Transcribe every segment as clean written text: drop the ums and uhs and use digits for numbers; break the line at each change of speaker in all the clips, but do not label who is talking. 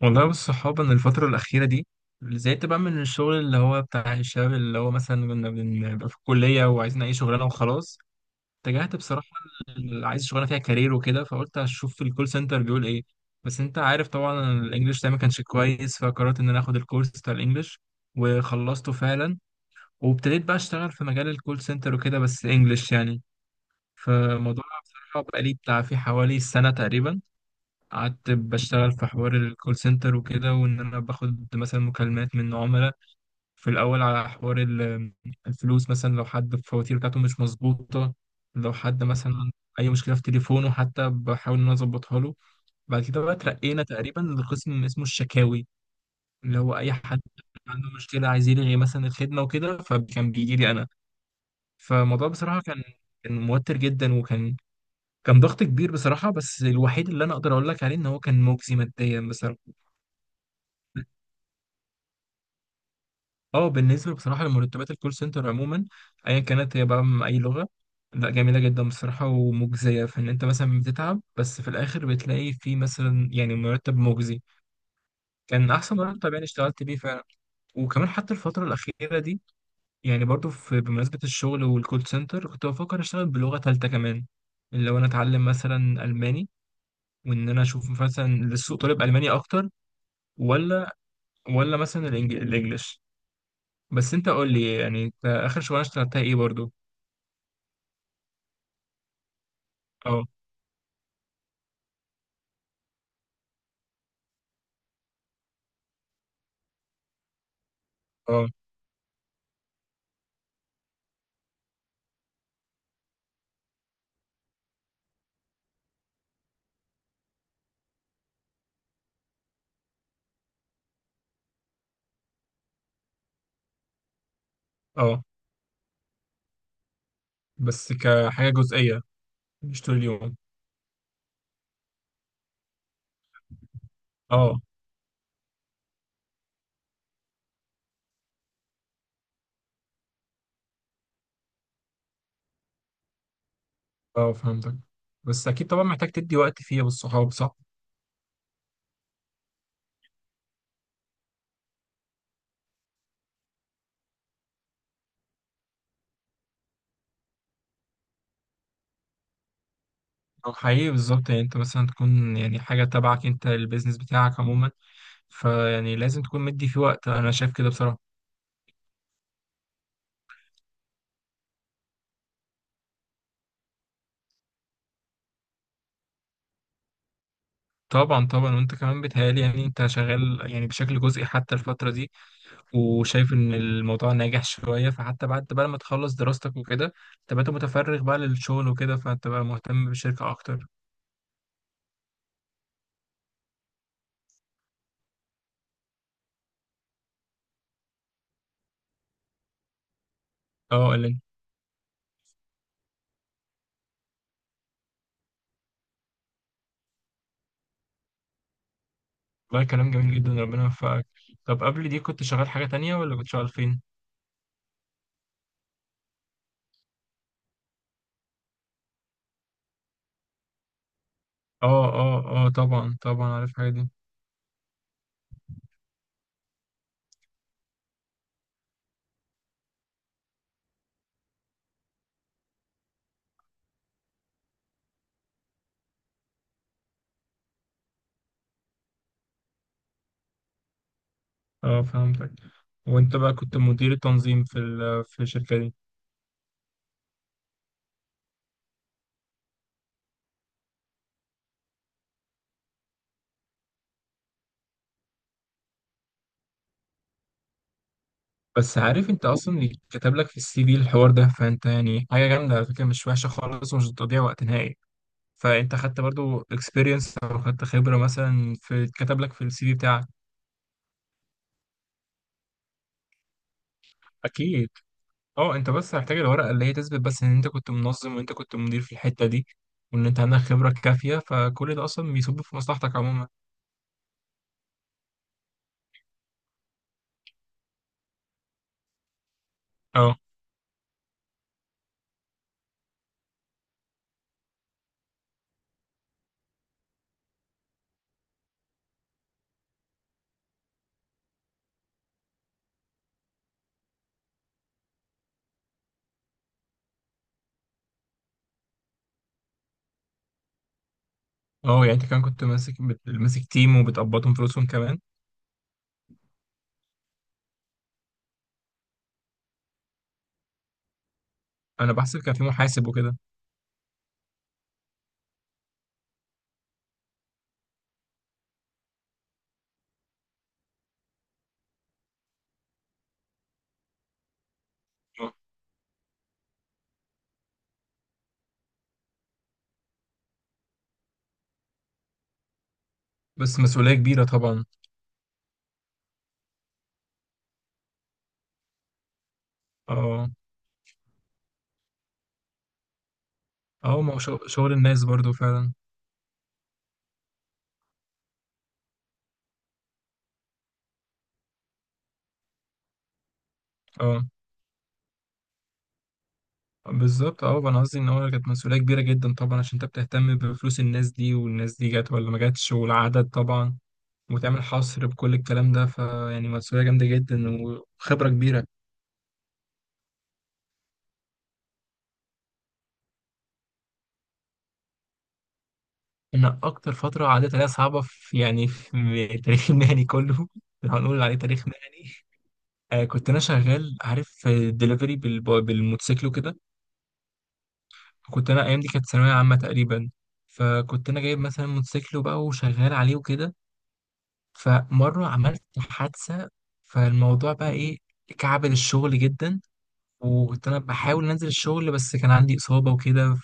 والله والصحاب أنا الفترة الأخيرة دي زهقت بقى من الشغل اللي هو بتاع الشباب، اللي هو مثلا كنا بنبقى في الكلية وعايزين أي شغلانة وخلاص. اتجهت بصراحة عايز شغلانة فيها كارير وكده، فقلت أشوف الكول سنتر بيقول إيه. بس أنت عارف طبعا الإنجليش ده ما كانش كويس، فقررت إن أنا آخد الكورس بتاع الإنجليش وخلصته فعلا، وابتديت بقى أشتغل في مجال الكول سنتر وكده بس إنجليش يعني. فالموضوع بصراحة بقى لي بتاع في حوالي سنة تقريبا، قعدت بشتغل في حوار الكول سنتر وكده، وان انا باخد مثلا مكالمات من عملاء في الاول على حوار الفلوس، مثلا لو حد الفواتير بتاعته مش مظبوطه، لو حد مثلا عنده اي مشكله في تليفونه، حتى بحاول ان انا اظبطها له. بعد كده بقى اترقينا تقريبا لقسم اسمه الشكاوي، اللي هو اي حد عنده مشكله عايز يلغي مثلا الخدمه وكده، فكان بيجي لي انا. فالموضوع بصراحه كان، كان موتر جدا، وكان ضغط كبير بصراحه، بس الوحيد اللي انا اقدر اقول لك عليه ان هو كان مجزي ماديا بصراحه. اه، بالنسبة بصراحة لمرتبات الكول سنتر عموما، ايا كانت هي بقى من اي لغة، لا جميلة جدا بصراحة ومجزية في ان انت مثلا بتتعب بس في الاخر بتلاقي في مثلا يعني مرتب مجزي. كان احسن مرتب يعني اشتغلت بيه فعلا. وكمان حتى الفترة الاخيرة دي يعني برضو في بمناسبة الشغل والكول سنتر، كنت بفكر اشتغل بلغة تالتة كمان، اللي هو انا اتعلم مثلا الماني، وان انا اشوف مثلا للسوق طالب الماني اكتر ولا ولا مثلا الانجليش. بس انت قول لي يعني انت اخر شغلانة اشتغلتها ايه برضو. اه اه اه، بس كحاجة جزئية، مش طول اليوم. اه اه فهمتك، بس اكيد طبعا محتاج تدي وقت فيها بالصحاب صح. او حقيقي بالظبط، يعني انت مثلا تكون يعني حاجة تبعك انت، البيزنس بتاعك عموما، فيعني لازم تكون مدي فيه وقت، انا شايف كده بصراحة. طبعا طبعا، وانت كمان بيتهيألي يعني انت شغال يعني بشكل جزئي حتى الفترة دي، وشايف ان الموضوع ناجح شوية، فحتى بعد بقى ما تخلص دراستك وكده تبقى انت متفرغ بقى للشغل وكده، فانت بقى مهتم بالشركة اكتر. اه، والله كلام جميل جدا، ربنا يوفقك. طب قبل دي كنت شغال حاجة تانية، ولا كنت شغال فين؟ اه اه اه طبعا طبعا عارف الحاجة دي. اه فهمتك، وانت بقى كنت مدير التنظيم في في الشركة دي. بس عارف انت اصلا اللي كتب لك في السي في الحوار ده، فانت يعني حاجة جامدة على فكرة، مش وحشة خالص ومش بتضيع وقت نهائي. فانت خدت برضو اكسبيرينس او خدت خبرة مثلا في كتب لك في السي في بتاعك. اكيد. اه انت بس هتحتاج الورقه اللي هي تثبت بس ان انت كنت منظم وانت كنت مدير في الحته دي، وان انت عندك خبره كافيه، فكل ده اصلا بيصب في مصلحتك عموما. اه اه، يعني انت كان كنت ماسك تيم وبتقبضهم فلوسهم كمان. انا بحسب كان في محاسب وكده. اه بس مسؤوليه كبيره طبعا. اه اه، ما هو شغل الناس برضو فعلا. اه بالظبط، اه انا قصدي ان هو كانت مسؤوليه كبيره جدا طبعا، عشان انت بتهتم بفلوس الناس دي، والناس دي جت ولا ما جاتش، والعدد طبعا، وتعمل حصر بكل الكلام ده، فيعني مسؤولية جامدة جدا وخبرة كبيرة. أنا أكتر فترة عدت عليها صعبة في يعني في التاريخ المهني كله لو هنقول عليه تاريخ مهني. آه، كنت أنا شغال عارف في الدليفري بالموتوسيكل وكده. كنت أنا أيام دي كانت ثانوية عامة تقريبا، فكنت أنا جايب مثلا موتوسيكل وبقى وشغال عليه وكده. فمرة عملت حادثة، فالموضوع بقى إيه، كعبل الشغل جدا، وكنت أنا بحاول أنزل الشغل بس كان عندي إصابة وكده.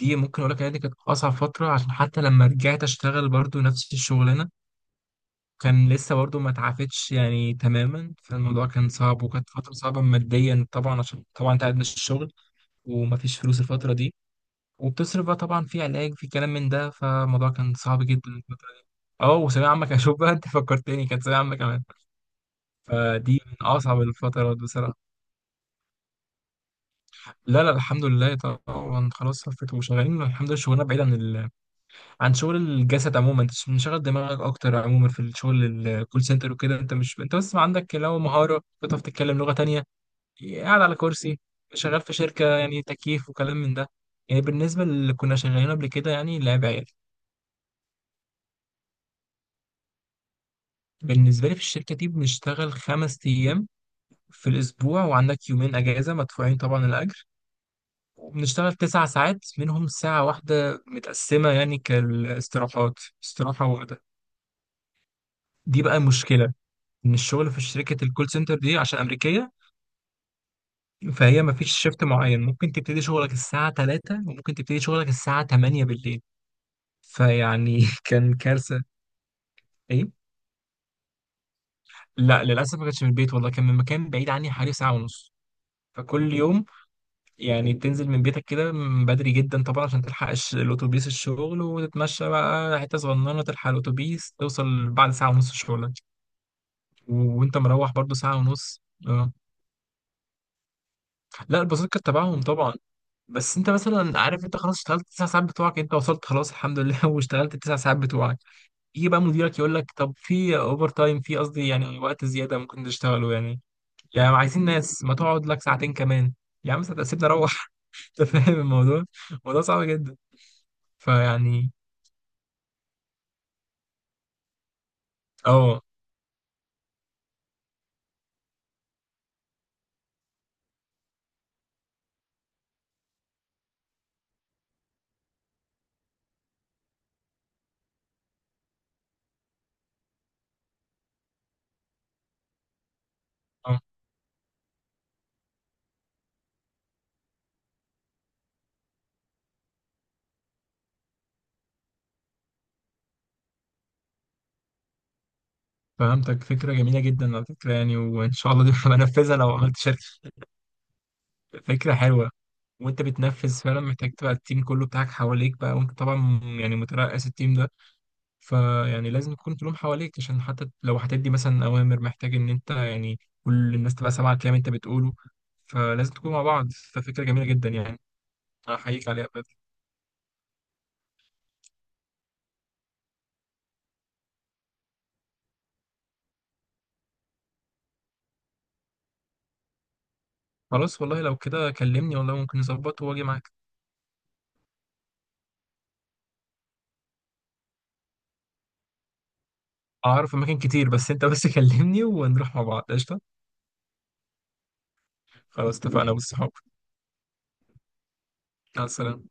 دي ممكن اقول لك ان دي كانت اصعب فتره، عشان حتى لما رجعت اشتغل برضو نفس الشغلانه كان لسه برضو ما اتعافتش يعني تماما. فالموضوع كان صعب، وكانت فتره صعبه ماديا طبعا، عشان طبعا انت قاعد مش الشغل وما فيش فلوس الفتره دي، وبتصرف بقى طبعا في علاج في كلام من ده، فالموضوع كان صعب جدا الفترة دي. اه، وثانوية عامة كان، شوف بقى انت فكرتني كانت ثانوية عامة كمان، فدي من اصعب الفترات بصراحة. لا لا الحمد لله طبعا، خلاص صفت وشغالين الحمد لله. شغلنا بعيد عن عن شغل الجسد عموما، انت مش مشغل دماغك اكتر عموما في الشغل الكول سنتر وكده، انت مش انت بس عندك لو مهاره بتعرف تتكلم لغه تانية، قاعد على كرسي، شغال في شركه يعني تكييف وكلام من ده. يعني بالنسبه اللي كنا شغالين قبل كده يعني لعب عيال. بالنسبه لي في الشركه دي بنشتغل خمس ايام في الاسبوع، وعندك يومين اجازه مدفوعين طبعا الاجر. وبنشتغل تسع ساعات منهم ساعه واحده متقسمه يعني كالاستراحات، استراحه واحده. دي بقى مشكله ان الشغل في شركه الكول سنتر دي عشان امريكيه، فهي ما فيش شيفت معين. ممكن تبتدي شغلك الساعه 3 وممكن تبتدي شغلك الساعه 8 بالليل، فيعني كان كارثه. ايه. لا للاسف ما كانش من البيت والله، كان من مكان بعيد عني حوالي ساعه ونص. فكل يوم يعني بتنزل من بيتك كده من بدري جدا طبعا، عشان تلحق الاتوبيس الشغل، وتتمشى بقى حته صغننه تلحق الاتوبيس، توصل بعد ساعه ونص شغلك، وانت مروح برضو ساعه ونص. اه. لا البساطة كانت تبعهم طبعا، بس انت مثلا عارف انت خلاص اشتغلت التسع ساعات بتوعك، انت وصلت خلاص الحمد لله واشتغلت التسع ساعات بتوعك، يجي بقى مديرك يقول لك طب في اوفر تايم، في قصدي يعني وقت زياده ممكن تشتغله يعني، يعني عايزين ناس، ما تقعد لك ساعتين كمان. يا عم ساعتين سيبني اروح. انت فاهم الموضوع، الموضوع صعب جدا فيعني. اه اه فهمتك، فكره جميله جدا على فكره يعني، وان شاء الله دي بنفذها لو عملت شركه. فكره حلوه، وانت بتنفذ فعلا محتاج تبقى التيم كله بتاعك حواليك بقى، وانت طبعا يعني مترأس التيم ده، فيعني لازم يكون كلهم حواليك، عشان حتى لو هتدي مثلا أوامر محتاج إن أنت يعني كل الناس تبقى سامعة الكلام أنت بتقوله، فلازم تكون مع بعض، ففكرة جميلة جدا يعني. أحييك عليها بجد. خلاص والله لو كده كلمني، والله ممكن نظبط وأجي معاك. أعرف أماكن كتير، بس أنت بس كلمني ونروح مع بعض قشطة. خلاص اتفقنا بالصحاب. مع السلامة.